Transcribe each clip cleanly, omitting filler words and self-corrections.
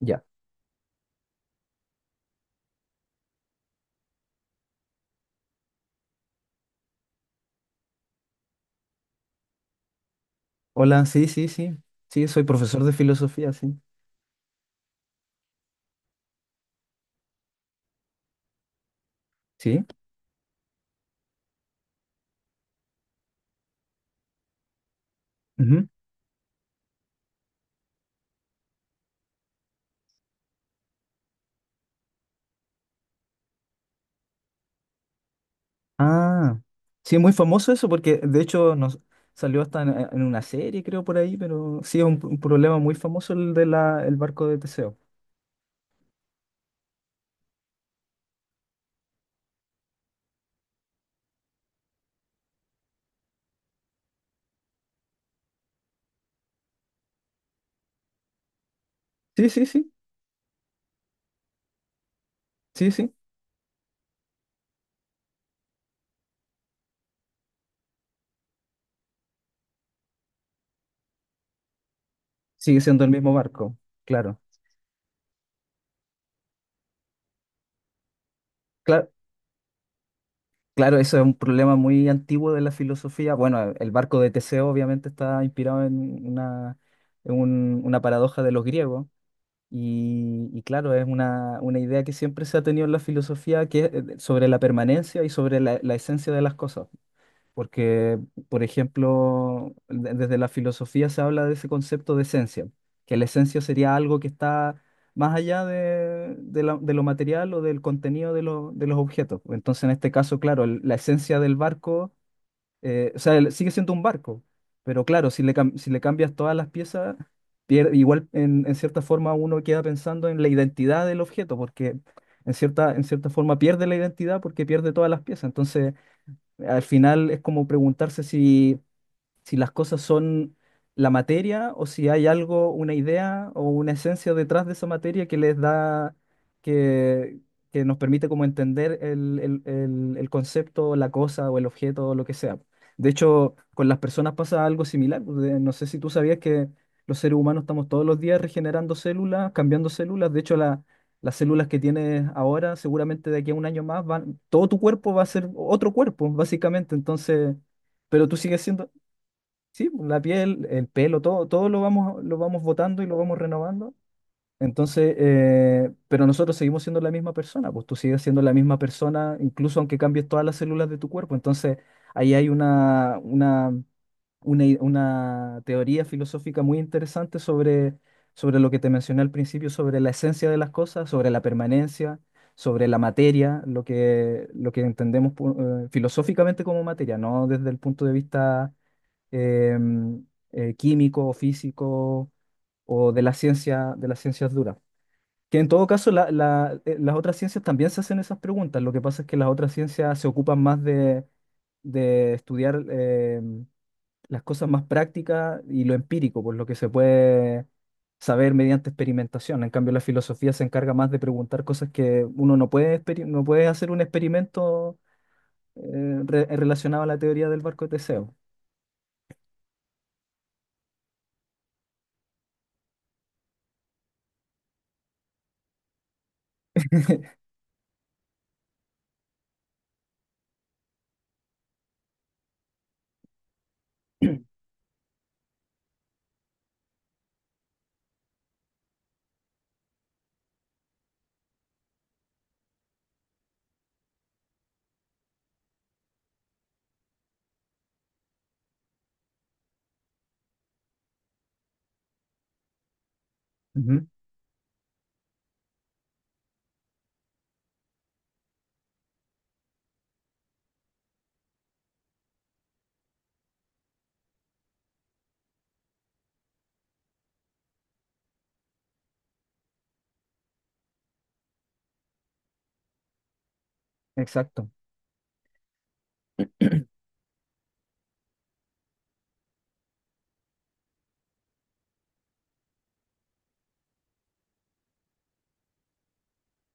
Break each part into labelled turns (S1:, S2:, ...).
S1: Ya. Hola, sí, sí, sí. Sí, soy profesor de filosofía, sí. Sí. Ujú. Ah, sí, muy famoso eso porque de hecho nos salió hasta en una serie, creo, por ahí, pero sí es un problema muy famoso el de el barco de Teseo. Sí, sí, sí, sí, sí. Sigue siendo el mismo barco, claro. Claro, claro, eso es un problema muy antiguo de la filosofía. Bueno, el barco de Teseo obviamente está inspirado en una, en una paradoja de los griegos. Y claro, es una idea que siempre se ha tenido en la filosofía que es sobre la permanencia y sobre la esencia de las cosas. Porque, por ejemplo, desde la filosofía se habla de ese concepto de esencia, que la esencia sería algo que está más allá de de lo material o del contenido de, de los objetos. Entonces, en este caso, claro, la esencia del barco o sea, sigue siendo un barco, pero claro, si le, si le cambias todas las piezas, igual en cierta forma uno queda pensando en la identidad del objeto, porque en cierta forma pierde la identidad porque pierde todas las piezas. Entonces, al final es como preguntarse si si las cosas son la materia o si hay algo, una idea o una esencia detrás de esa materia que les da, que, que nos permite como entender el concepto, la cosa o el objeto o lo que sea. De hecho, con las personas pasa algo similar, pues. No sé si tú sabías que los seres humanos estamos todos los días regenerando células, cambiando células. De hecho, las células que tienes ahora, seguramente de aquí a un año más, van, todo tu cuerpo va a ser otro cuerpo, básicamente. Entonces, pero tú sigues siendo... Sí, pues, la piel, el pelo, todo, todo lo vamos botando y lo vamos renovando. Entonces, pero nosotros seguimos siendo la misma persona, pues tú sigues siendo la misma persona, incluso aunque cambies todas las células de tu cuerpo. Entonces, ahí hay una teoría filosófica muy interesante sobre, sobre lo que te mencioné al principio, sobre la esencia de las cosas, sobre la permanencia, sobre la materia, lo que entendemos filosóficamente como materia, no desde el punto de vista eh, químico, físico o de la ciencia, de las ciencias duras. Que en todo caso las otras ciencias también se hacen esas preguntas. Lo que pasa es que las otras ciencias se ocupan más de estudiar las cosas más prácticas y lo empírico, pues lo que se puede saber mediante experimentación. En cambio, la filosofía se encarga más de preguntar cosas que uno no puede, no puede hacer un experimento relacionado a la teoría del barco de Teseo. Ujú. Exacto.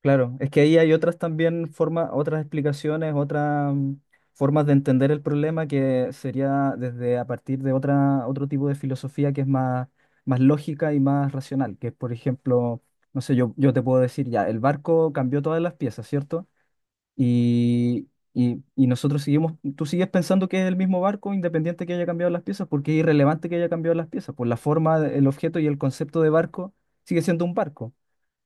S1: Claro, es que ahí hay otras también formas, otras explicaciones, formas de entender el problema que sería desde a partir de otra, otro tipo de filosofía que es más, más lógica y más racional, que es, por ejemplo, no sé, yo te puedo decir ya, el barco cambió todas las piezas, ¿cierto? Y, y nosotros seguimos, tú sigues pensando que es el mismo barco independiente que haya cambiado las piezas, porque es irrelevante que haya cambiado las piezas, por la forma, el objeto y el concepto de barco sigue siendo un barco.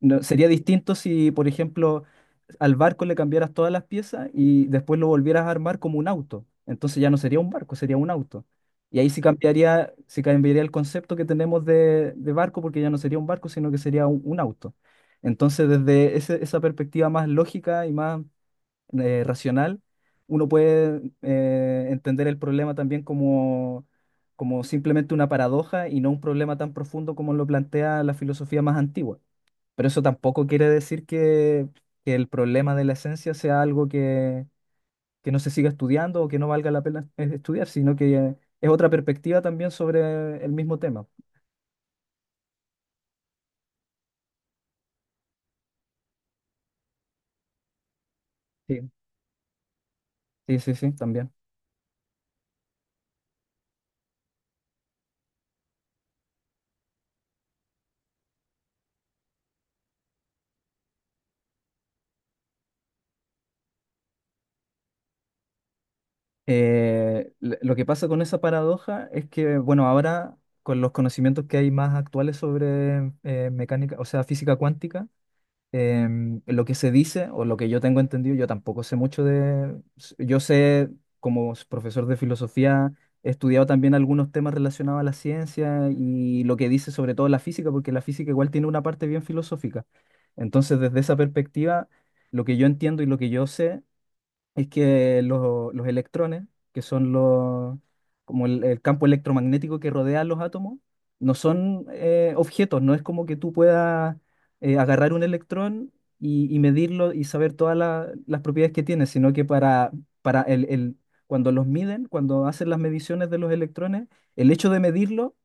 S1: No, sería distinto si, por ejemplo, al barco le cambiaras todas las piezas y después lo volvieras a armar como un auto. Entonces ya no sería un barco, sería un auto. Y ahí sí cambiaría el concepto que tenemos de barco, porque ya no sería un barco, sino que sería un auto. Entonces, desde esa perspectiva más lógica y más racional, uno puede entender el problema también como, como simplemente una paradoja y no un problema tan profundo como lo plantea la filosofía más antigua. Pero eso tampoco quiere decir que el problema de la esencia sea algo que no se siga estudiando o que no valga la pena estudiar, sino que es otra perspectiva también sobre el mismo tema. Sí, sí, sí, sí, también. Lo que pasa con esa paradoja es que, bueno, ahora con los conocimientos que hay más actuales sobre mecánica, o sea, física cuántica, lo que se dice o lo que yo tengo entendido, yo tampoco sé mucho de... Yo sé, como profesor de filosofía, he estudiado también algunos temas relacionados a la ciencia y lo que dice sobre todo la física, porque la física igual tiene una parte bien filosófica. Entonces, desde esa perspectiva, lo que yo entiendo y lo que yo sé es que los electrones, que son los, como el campo electromagnético que rodea a los átomos, no son objetos, no es como que tú puedas agarrar un electrón y medirlo y saber todas las propiedades que tiene, sino que para cuando los miden, cuando hacen las mediciones de los electrones, el hecho de medirlo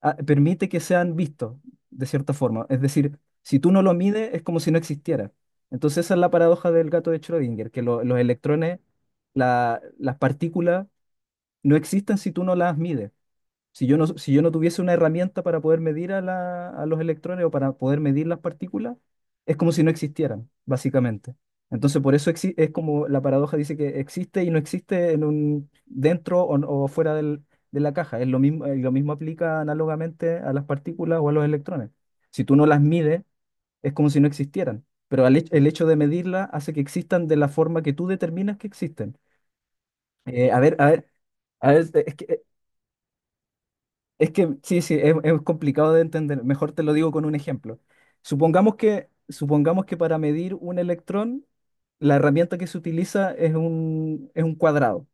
S1: permite que sean vistos, de cierta forma. Es decir, si tú no lo mides, es como si no existiera. Entonces esa es la paradoja del gato de Schrödinger, que los electrones, las partículas, no existen si tú no las mides. Si yo no, si yo no tuviese una herramienta para poder medir a, a los electrones o para poder medir las partículas, es como si no existieran, básicamente. Entonces, por eso es como la paradoja dice que existe y no existe en un, dentro o fuera de la caja. Es lo mismo aplica análogamente a las partículas o a los electrones. Si tú no las mides, es como si no existieran. Pero al el hecho de medirlas hace que existan de la forma que tú determinas que existen. A ver, a ver. A ver, es que... Es que sí, sí, es complicado de entender. Mejor te lo digo con un ejemplo. Supongamos que para medir un electrón, la herramienta que se utiliza es un cuadrado.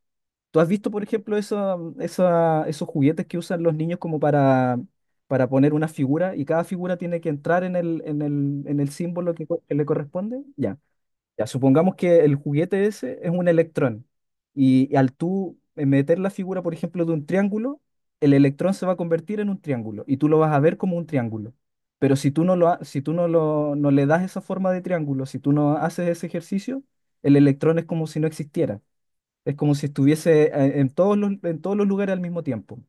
S1: ¿Tú has visto, por ejemplo, esos juguetes que usan los niños como para poner una figura y cada figura tiene que entrar en en el símbolo que, que le corresponde? Ya. Ya, supongamos que el juguete ese es un electrón y al tú meter la figura, por ejemplo, de un triángulo, el electrón se va a convertir en un triángulo y tú lo vas a ver como un triángulo. Pero si tú no lo, si tú no lo, no le das esa forma de triángulo, si tú no haces ese ejercicio, el electrón es como si no existiera. Es como si estuviese en todos los lugares al mismo tiempo.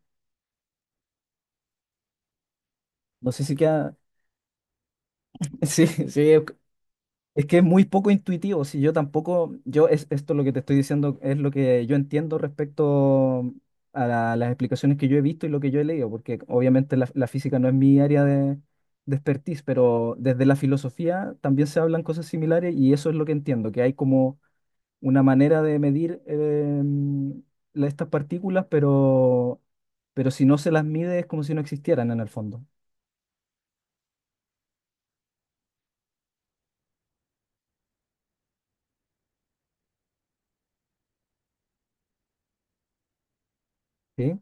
S1: No sé si queda... Sí, sí. Es que es muy poco intuitivo, si yo tampoco, yo es, esto lo que te estoy diciendo es lo que yo entiendo respecto a las explicaciones que yo he visto y lo que yo he leído, porque obviamente la física no es mi área de expertise, pero desde la filosofía también se hablan cosas similares y eso es lo que entiendo, que hay como una manera de medir estas partículas, pero si no se las mide es como si no existieran en el fondo. ¿Sí?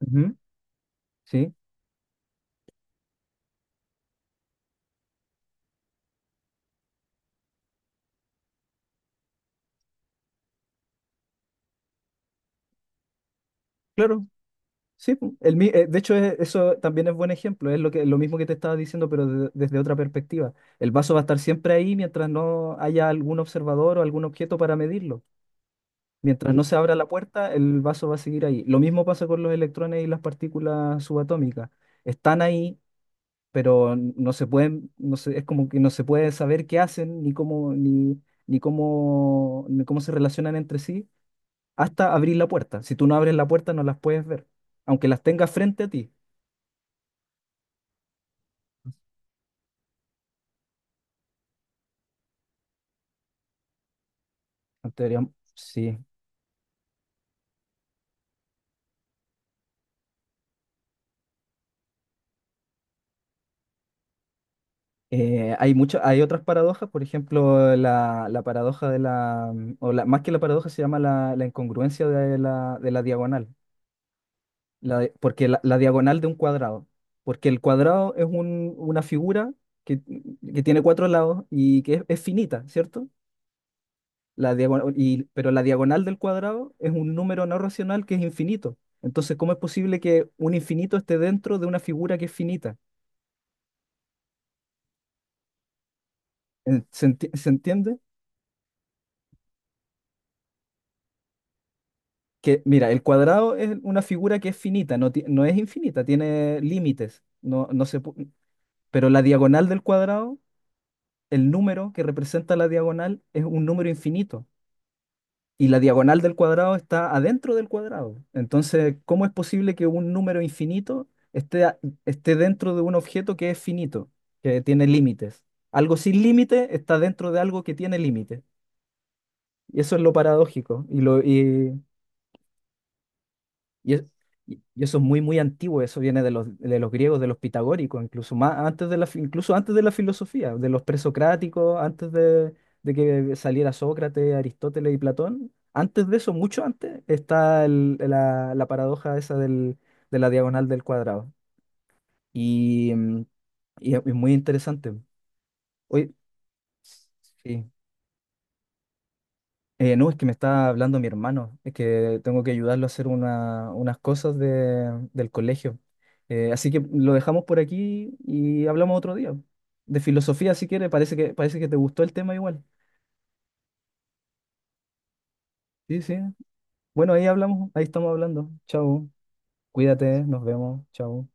S1: Ujú. Sí, claro. Sí, pu, el, de hecho eso también es buen ejemplo, es lo que, lo mismo que te estaba diciendo, pero desde otra perspectiva. El vaso va a estar siempre ahí mientras no haya algún observador o algún objeto para medirlo. Mientras no se abra la puerta, el vaso va a seguir ahí. Lo mismo pasa con los electrones y las partículas subatómicas. Están ahí, pero no se pueden, no se- es como que no se puede saber qué hacen, ni cómo, ni, ni cómo, ni cómo se relacionan entre sí, hasta abrir la puerta. Si tú no abres la puerta, no las puedes ver, aunque las tengas frente a ti. Anterior- sí. Hay mucho, hay otras paradojas, por ejemplo, la paradoja de la, mm, o la, más que la paradoja se llama la incongruencia de de la diagonal. Porque la diagonal de un cuadrado, porque el cuadrado es un- una figura que, que tiene cuatro lados y que es finita, ¿cierto? La diagonal, y, pero la diagonal del cuadrado es un número no racional que es infinito. Entonces, ¿cómo es posible que un infinito esté dentro de una figura que es finita? ¿ se entiende? Que, mira, el cuadrado es una figura que es finita, no, no es infinita, tiene límites. No, no se pu- pero la diagonal del cuadrado, el número que representa la diagonal, es un número infinito. Y la diagonal del cuadrado está adentro del cuadrado. Entonces, ¿cómo es posible que un número infinito esté, esté dentro de un objeto que es finito, que tiene límites? Algo sin límite está dentro de algo que tiene límites. Y eso es lo paradójico. Y, es- y eso es muy, muy antiguo, eso viene de los griegos, de los pitagóricos, incluso más antes de incluso antes de la filosofía, de los presocráticos, antes de que saliera Sócrates, Aristóteles y Platón. Antes de eso, mucho antes, está la paradoja esa del, de la diagonal del cuadrado. Y, mm, y es y es muy interesante. Hoy, sí. No, es que me está hablando mi hermano, es que tengo que ayudarlo a hacer unas cosas del colegio. Así que lo dejamos por aquí y hablamos otro día. De filosofía, si quieres, parece que te gustó el tema igual. Sí, sí. Bueno, ahí hablamos, ahí estamos hablando. Chao. Cuídate, nos vemos. Chao.